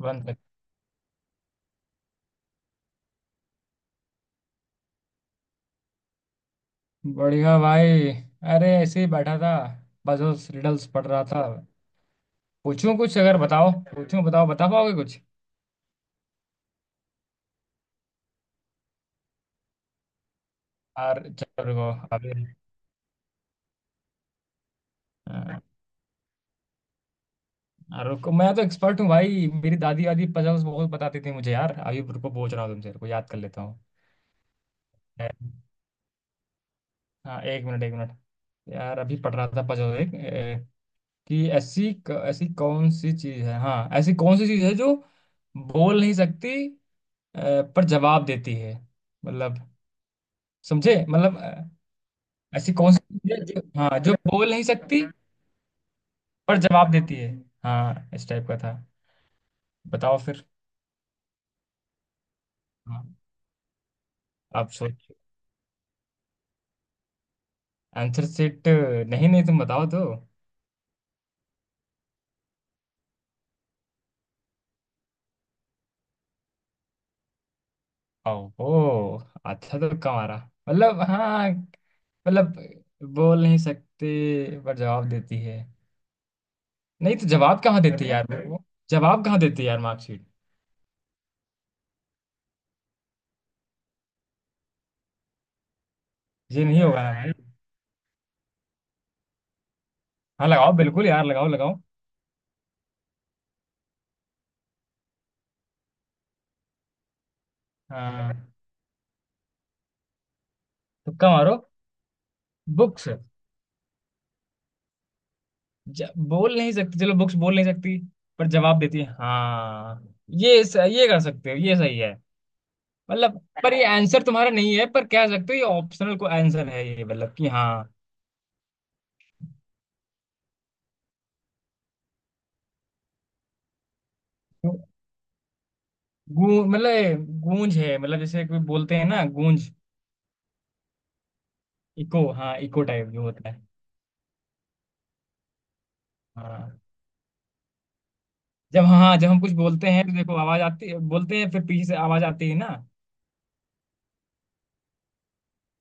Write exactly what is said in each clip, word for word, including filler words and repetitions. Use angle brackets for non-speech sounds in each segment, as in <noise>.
One तक। बढ़िया भाई। अरे ऐसे ही बैठा था। बस उस रिडल्स पढ़ रहा था। पूछूं कुछ, अगर बताओ पूछूं, बताओ बता पाओगे कुछ? यार चलो रुको। अभी अ, रुको, मैं तो एक्सपर्ट हूँ भाई। मेरी दादी वादी पजल्स बहुत बताती थी मुझे यार। अभी रुको, पूछ रहा हूँ तुमसे, रुको याद कर लेता हूँ। ए, हाँ एक मिनट एक मिनट। यार अभी पढ़ रहा था पजल एक ए, कि ऐसी क- ऐसी कौन सी चीज है? हाँ ऐसी कौन सी चीज है जो बोल नहीं सकती अ, पर जवाब देती है? मतलब, समझे मतलब अ, ऐसी कौन सी चीज़ है जो, हाँ, जो बोल नहीं सकती पर जवाब देती है। हाँ इस टाइप का था। बताओ फिर। हाँ आप सोच। आंसर सेट नहीं, नहीं तुम बताओ तो। ओहो, अच्छा तो कम आ रहा मतलब, हाँ मतलब बोल नहीं सकते पर जवाब देती है। नहीं तो जवाब कहाँ देती है यार वो? जवाब कहाँ देती है यार? मार्कशीट? ये नहीं होगा ना भाई। हाँ लगाओ बिल्कुल यार, लगाओ लगाओ। हाँ तुक्का मारो। बुक्स। ज- बोल नहीं सकती, चलो बुक्स बोल नहीं सकती पर जवाब देती है। हाँ ये स, ये कर सकते हो, ये सही है। मतलब पर ये आंसर तुम्हारा नहीं है, पर कह सकते हो ये ऑप्शनल को आंसर है, ये मतलब कि हाँ। गूंज, मतलब ये गूंज है, मतलब जैसे कोई बोलते हैं ना गूंज। इको, हाँ इको टाइप जो होता है। हाँ जब हाँ जब हम कुछ बोलते हैं तो देखो आवाज आती है, बोलते हैं फिर पीछे से आवाज आती है ना।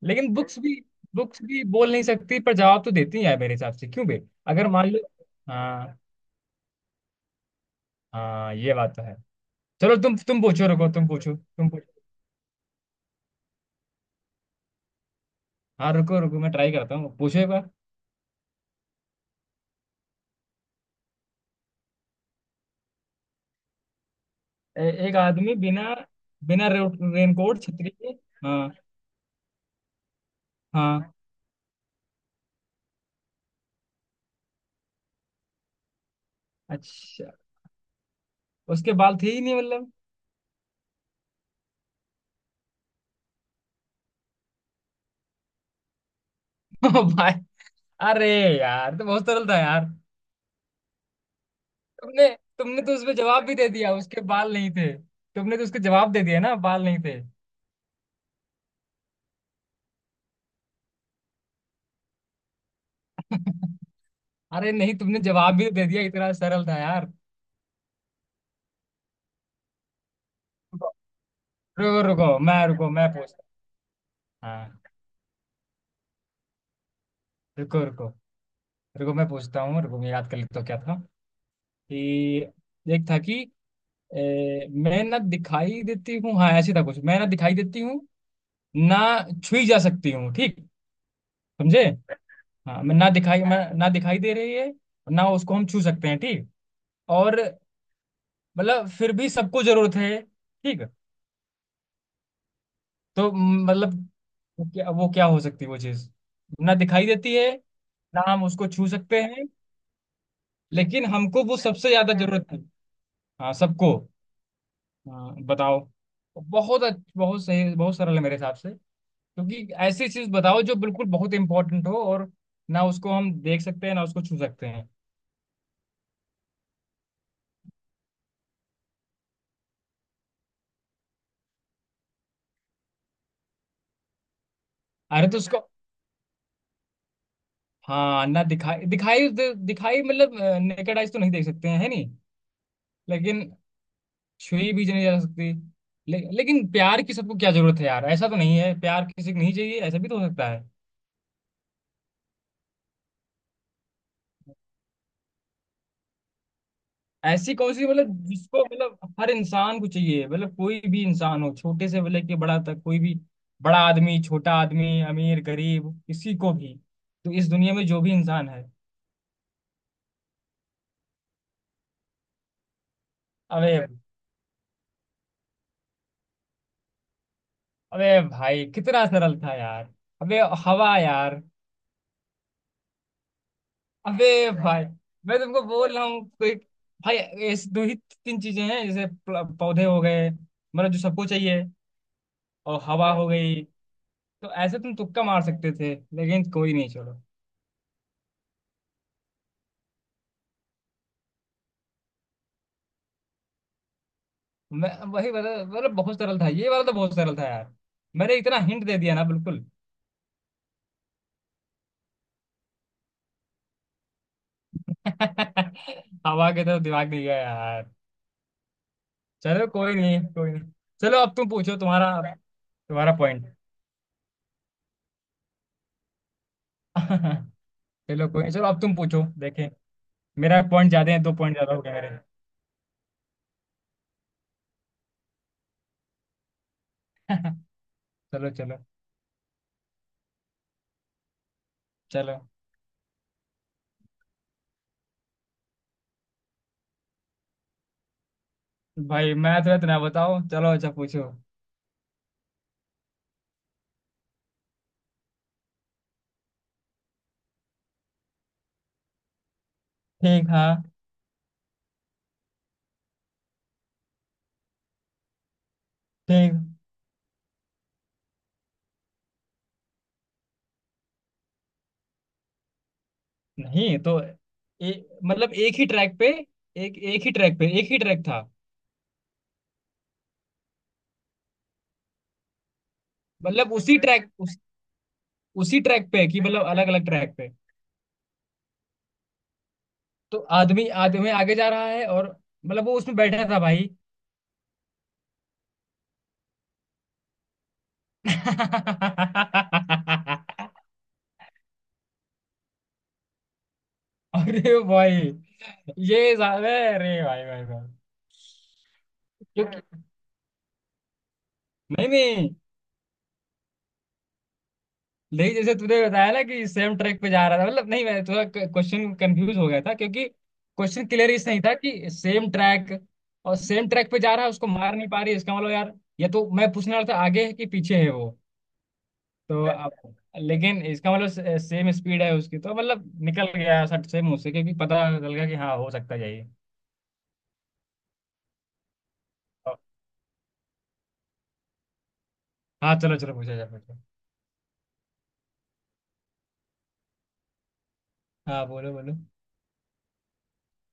लेकिन बुक्स भी बुक्स भी बोल नहीं सकती पर जवाब तो देती है यार मेरे हिसाब से, क्यों बे? अगर मान लो, हाँ, हाँ ये बात तो है। चलो तुम तुम पूछो, रुको तुम पूछो, तुम पूछो। हाँ रुको रुको, मैं ट्राई करता हूँ, पूछो एक बार। ए, एक आदमी बिना, बिना रे, रेनकोट छतरी के। हाँ, हाँ। अच्छा, उसके बाल थे ही नहीं मतलब। <laughs> ओ भाई, अरे यार तो बहुत सरल था यार। तुमने, तुमने तो उसमें जवाब भी दे दिया, उसके बाल नहीं थे। तुमने तो उसके जवाब दे दिया ना, बाल नहीं थे। अरे नहीं, तुमने जवाब भी दे दिया, इतना सरल था यार। रुको रुको मैं, रुको मैं पूछता। हाँ रुको रुको। रुको मैं पूछता हूँ, रुको मैं याद कर लेता हूँ क्या था। कि एक था कि ए, मैं ना दिखाई देती हूँ, हाँ ऐसे था कुछ। मैं ना दिखाई देती हूँ ना, छुई जा सकती हूँ, ठीक। समझे? हाँ मैं ना दिखाई मैं ना दिखाई दे रही है ना, उसको हम छू सकते हैं, ठीक। और मतलब फिर भी सबको जरूरत है, ठीक। तो म, मतलब वो क्या, वो क्या हो सकती है वो चीज? ना दिखाई देती है, ना हम उसको छू सकते हैं, लेकिन हमको वो सबसे ज्यादा जरूरत है। हाँ सबको। हाँ बताओ। बहुत अच्छ- बहुत सही, बहुत सरल है मेरे हिसाब से। क्योंकि ऐसी चीज बताओ जो बिल्कुल बहुत इंपॉर्टेंट हो, और ना उसको हम देख सकते हैं ना उसको छू सकते हैं। अरे तो उसको, हाँ ना दिखाई दिखाई दिखाई मतलब नेकेड आइज तो नहीं देख सकते हैं, है नहीं। लेकिन छुई भी नहीं जा सकती। ले, लेकिन प्यार की सबको क्या जरूरत है यार? ऐसा तो नहीं है, प्यार किसी को नहीं चाहिए ऐसा भी तो हो सकता है। ऐसी कौन सी मतलब जिसको मतलब हर इंसान को चाहिए, मतलब कोई भी इंसान हो छोटे से लेके के बड़ा तक, कोई भी। बड़ा आदमी, छोटा आदमी, अमीर गरीब, किसी को भी। तो इस दुनिया में जो भी इंसान है। अबे, अबे भाई कितना सरल था यार। अबे हवा यार। अबे भाई मैं तुमको बोल रहा हूँ, कोई। भाई ऐसी दो ही तीन चीजें हैं, जैसे प- पौधे हो गए, मतलब जो सबको चाहिए। और हवा हो गई। तो ऐसे तुम तुक्का मार सकते थे, लेकिन कोई नहीं छोड़ो। मैं वही वाला मतलब बहुत सरल था, ये वाला तो बहुत सरल था यार। मैंने इतना हिंट दे दिया ना, बिल्कुल। <laughs> हवा के तो दिमाग नहीं गया यार। चलो कोई नहीं, कोई नहीं। चलो अब तुम पूछो, तुम्हारा तुम्हारा पॉइंट। <laughs> चलो कोई नहीं, चलो अब तुम पूछो, देखें। मेरा पॉइंट ज्यादा है, दो पॉइंट ज्यादा हो गया मेरे। <laughs> चलो चलो। चलो भाई मैं तो इतना बताओ, चलो अच्छा पूछो। ठीक हाँ। ठीक। नहीं तो ए, मतलब एक ही ट्रैक पे, एक एक ही ट्रैक पे, एक ही ट्रैक था? मतलब उसी ट्रैक, उसी ट्रैक पे कि मतलब अलग अलग ट्रैक पे? तो आदमी, आदमी आगे जा रहा है और, मतलब वो उसमें बैठा था भाई। <laughs> अरे भाई ये साहब, अरे भाई भाई भाई। क्योंकि, नहीं नहीं, लेकिन जैसे तूने बताया ना कि सेम ट्रैक पे जा रहा था, मतलब नहीं, मैं थोड़ा क्वेश्चन कंफ्यूज हो गया था क्योंकि क्वेश्चन क्लियर इस नहीं था कि सेम ट्रैक। और सेम ट्रैक पे जा रहा है, उसको मार नहीं पा रही, इसका मतलब यार। या तो मैं पूछने वाला था आगे है कि पीछे है वो। तो अब लेकिन इसका मतलब सेम स्पीड है उसकी, तो मतलब निकल गया सट से मुंह से क्योंकि पता चल गया कि हाँ हो सकता है यही। तो, हाँ चलो चलो पूछा जाए पूछो। हाँ बोलो बोलो।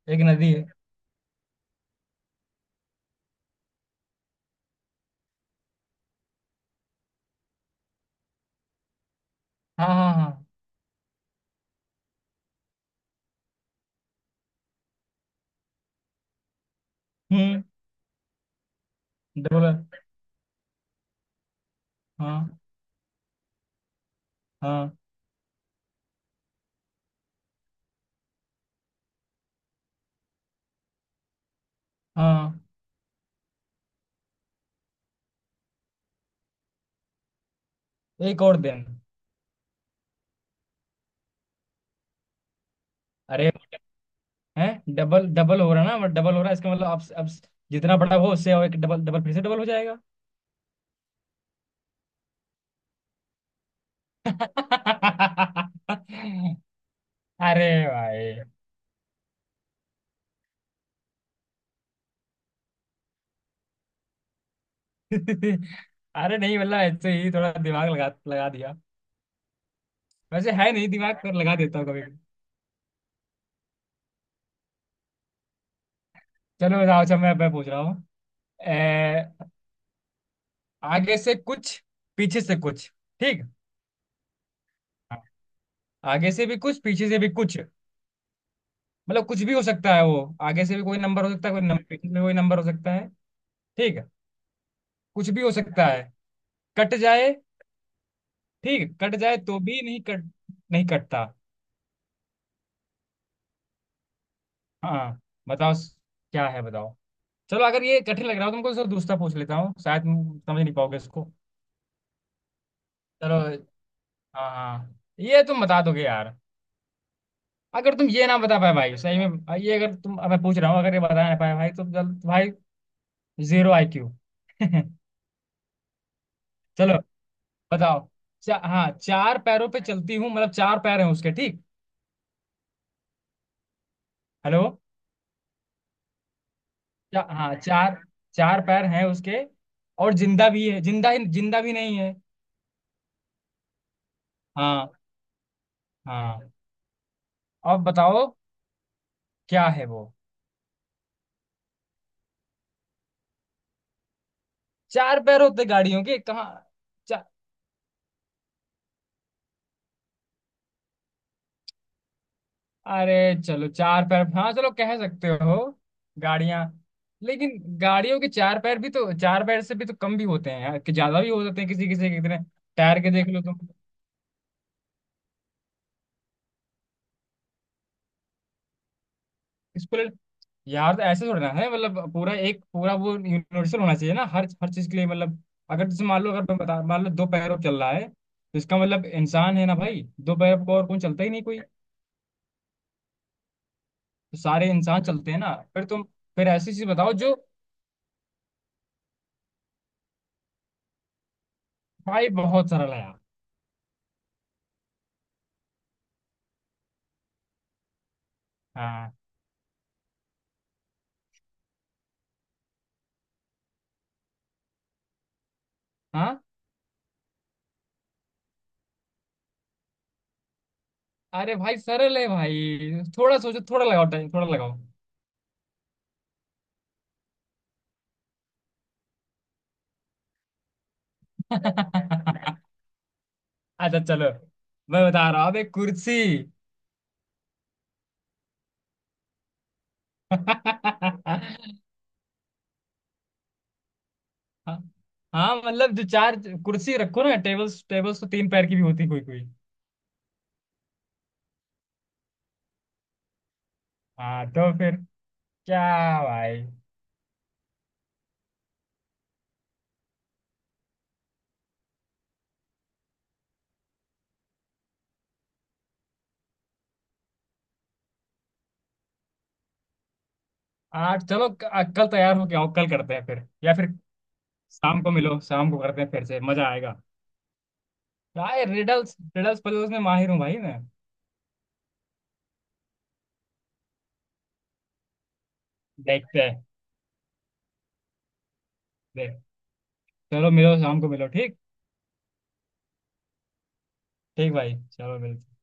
एक नदी है। हाँ हाँ हाँ। हम्म। डबल। हाँ हाँ हाँ। एक और दिन। अरे है, डबल डबल हो रहा है ना, डबल हो रहा है, इसका मतलब अब अब जितना बड़ा वो, उससे और एक डबल, डबल फिर से डबल हो जाएगा। <laughs> अरे भाई। <laughs> अरे नहीं मतलब ऐसे ही थोड़ा दिमाग लगा लगा दिया। वैसे है नहीं दिमाग, पर लगा देता हूँ कभी कभी। चलो बताओ, अच्छा मैं मैं पूछ रहा हूँ। ए, आगे से कुछ, पीछे से कुछ, ठीक। हाँ। आगे से भी कुछ, पीछे से भी कुछ, मतलब कुछ भी हो सकता है वो, आगे से भी कोई नंबर हो सकता है, कोई नंबर पीछे से भी कोई नंबर हो सकता है। ठीक है। कुछ भी हो सकता है। कट जाए, ठीक, कट जाए तो भी नहीं कट, नहीं कटता। हाँ बताओ, क्या है बताओ। चलो अगर ये कठिन लग रहा हो तुमको तो दूसरा पूछ लेता हूँ, शायद तुम समझ नहीं पाओगे इसको। चलो। हाँ हाँ ये तुम बता दोगे यार। अगर तुम ये ना बता पाए भाई सही में ये, अगर तुम, अब मैं पूछ रहा हूँ, अगर ये बता ना पाए भाई तो जल भाई। Zero IQ. <laughs> चलो बताओ। चा, हाँ चार पैरों पे चलती हूँ, मतलब चार पैर हैं उसके, ठीक? हेलो? चा, हाँ चार चार पैर हैं उसके, और जिंदा भी है, जिंदा ही, जिंदा भी नहीं है। हाँ हाँ। अब बताओ क्या है वो। चार पैर होते गाड़ियों के कहाँ? चा, अरे चलो चार पैर, हाँ चलो कह सकते हो। गाड़ियां। लेकिन गाड़ियों के चार पैर भी तो, चार पैर से भी तो कम भी होते हैं यार, कि ज्यादा भी हो जाते हैं किसी किसी के इतने टायर, के देख लो तुम इसको। ले- यार तो ऐसे थोड़ा ना है, मतलब पूरा एक पूरा वो यूनिवर्सल होना चाहिए ना, हर हर चीज के लिए मतलब। अगर जैसे मान लो, अगर मैं बता, मान लो दो पैरों पे चल रहा है, तो इसका मतलब इंसान है ना भाई, दो पैरों पर और कौन चलता ही नहीं कोई। तो सारे इंसान चलते हैं ना फिर तुम, फिर ऐसी चीज बताओ जो। भाई बहुत सरल है यार। हाँ हाँ। अरे भाई सरल है भाई, थोड़ा सोचो, थोड़ा लगाओ टाइम, थोड़ा लगाओ। <laughs> अच्छा। चलो मैं बता रहा हूँ अब, एक कुर्सी। <laughs> हाँ मतलब जो चार, कुर्सी रखो ना, टेबल्स, टेबल्स तो तीन पैर की भी होती कोई कोई। हाँ तो फिर क्या? भाई आठ, चलो क- कल तैयार हो के आओ, कल करते हैं फिर, या फिर शाम को मिलो, शाम को करते हैं फिर से मजा आएगा। भाई रिडल्स, रिडल्स पजल्स में माहिर हूँ भाई मैं। देखते हैं। देख। चलो मिलो, शाम को मिलो, ठीक। ठीक भाई, चलो मिलते हैं।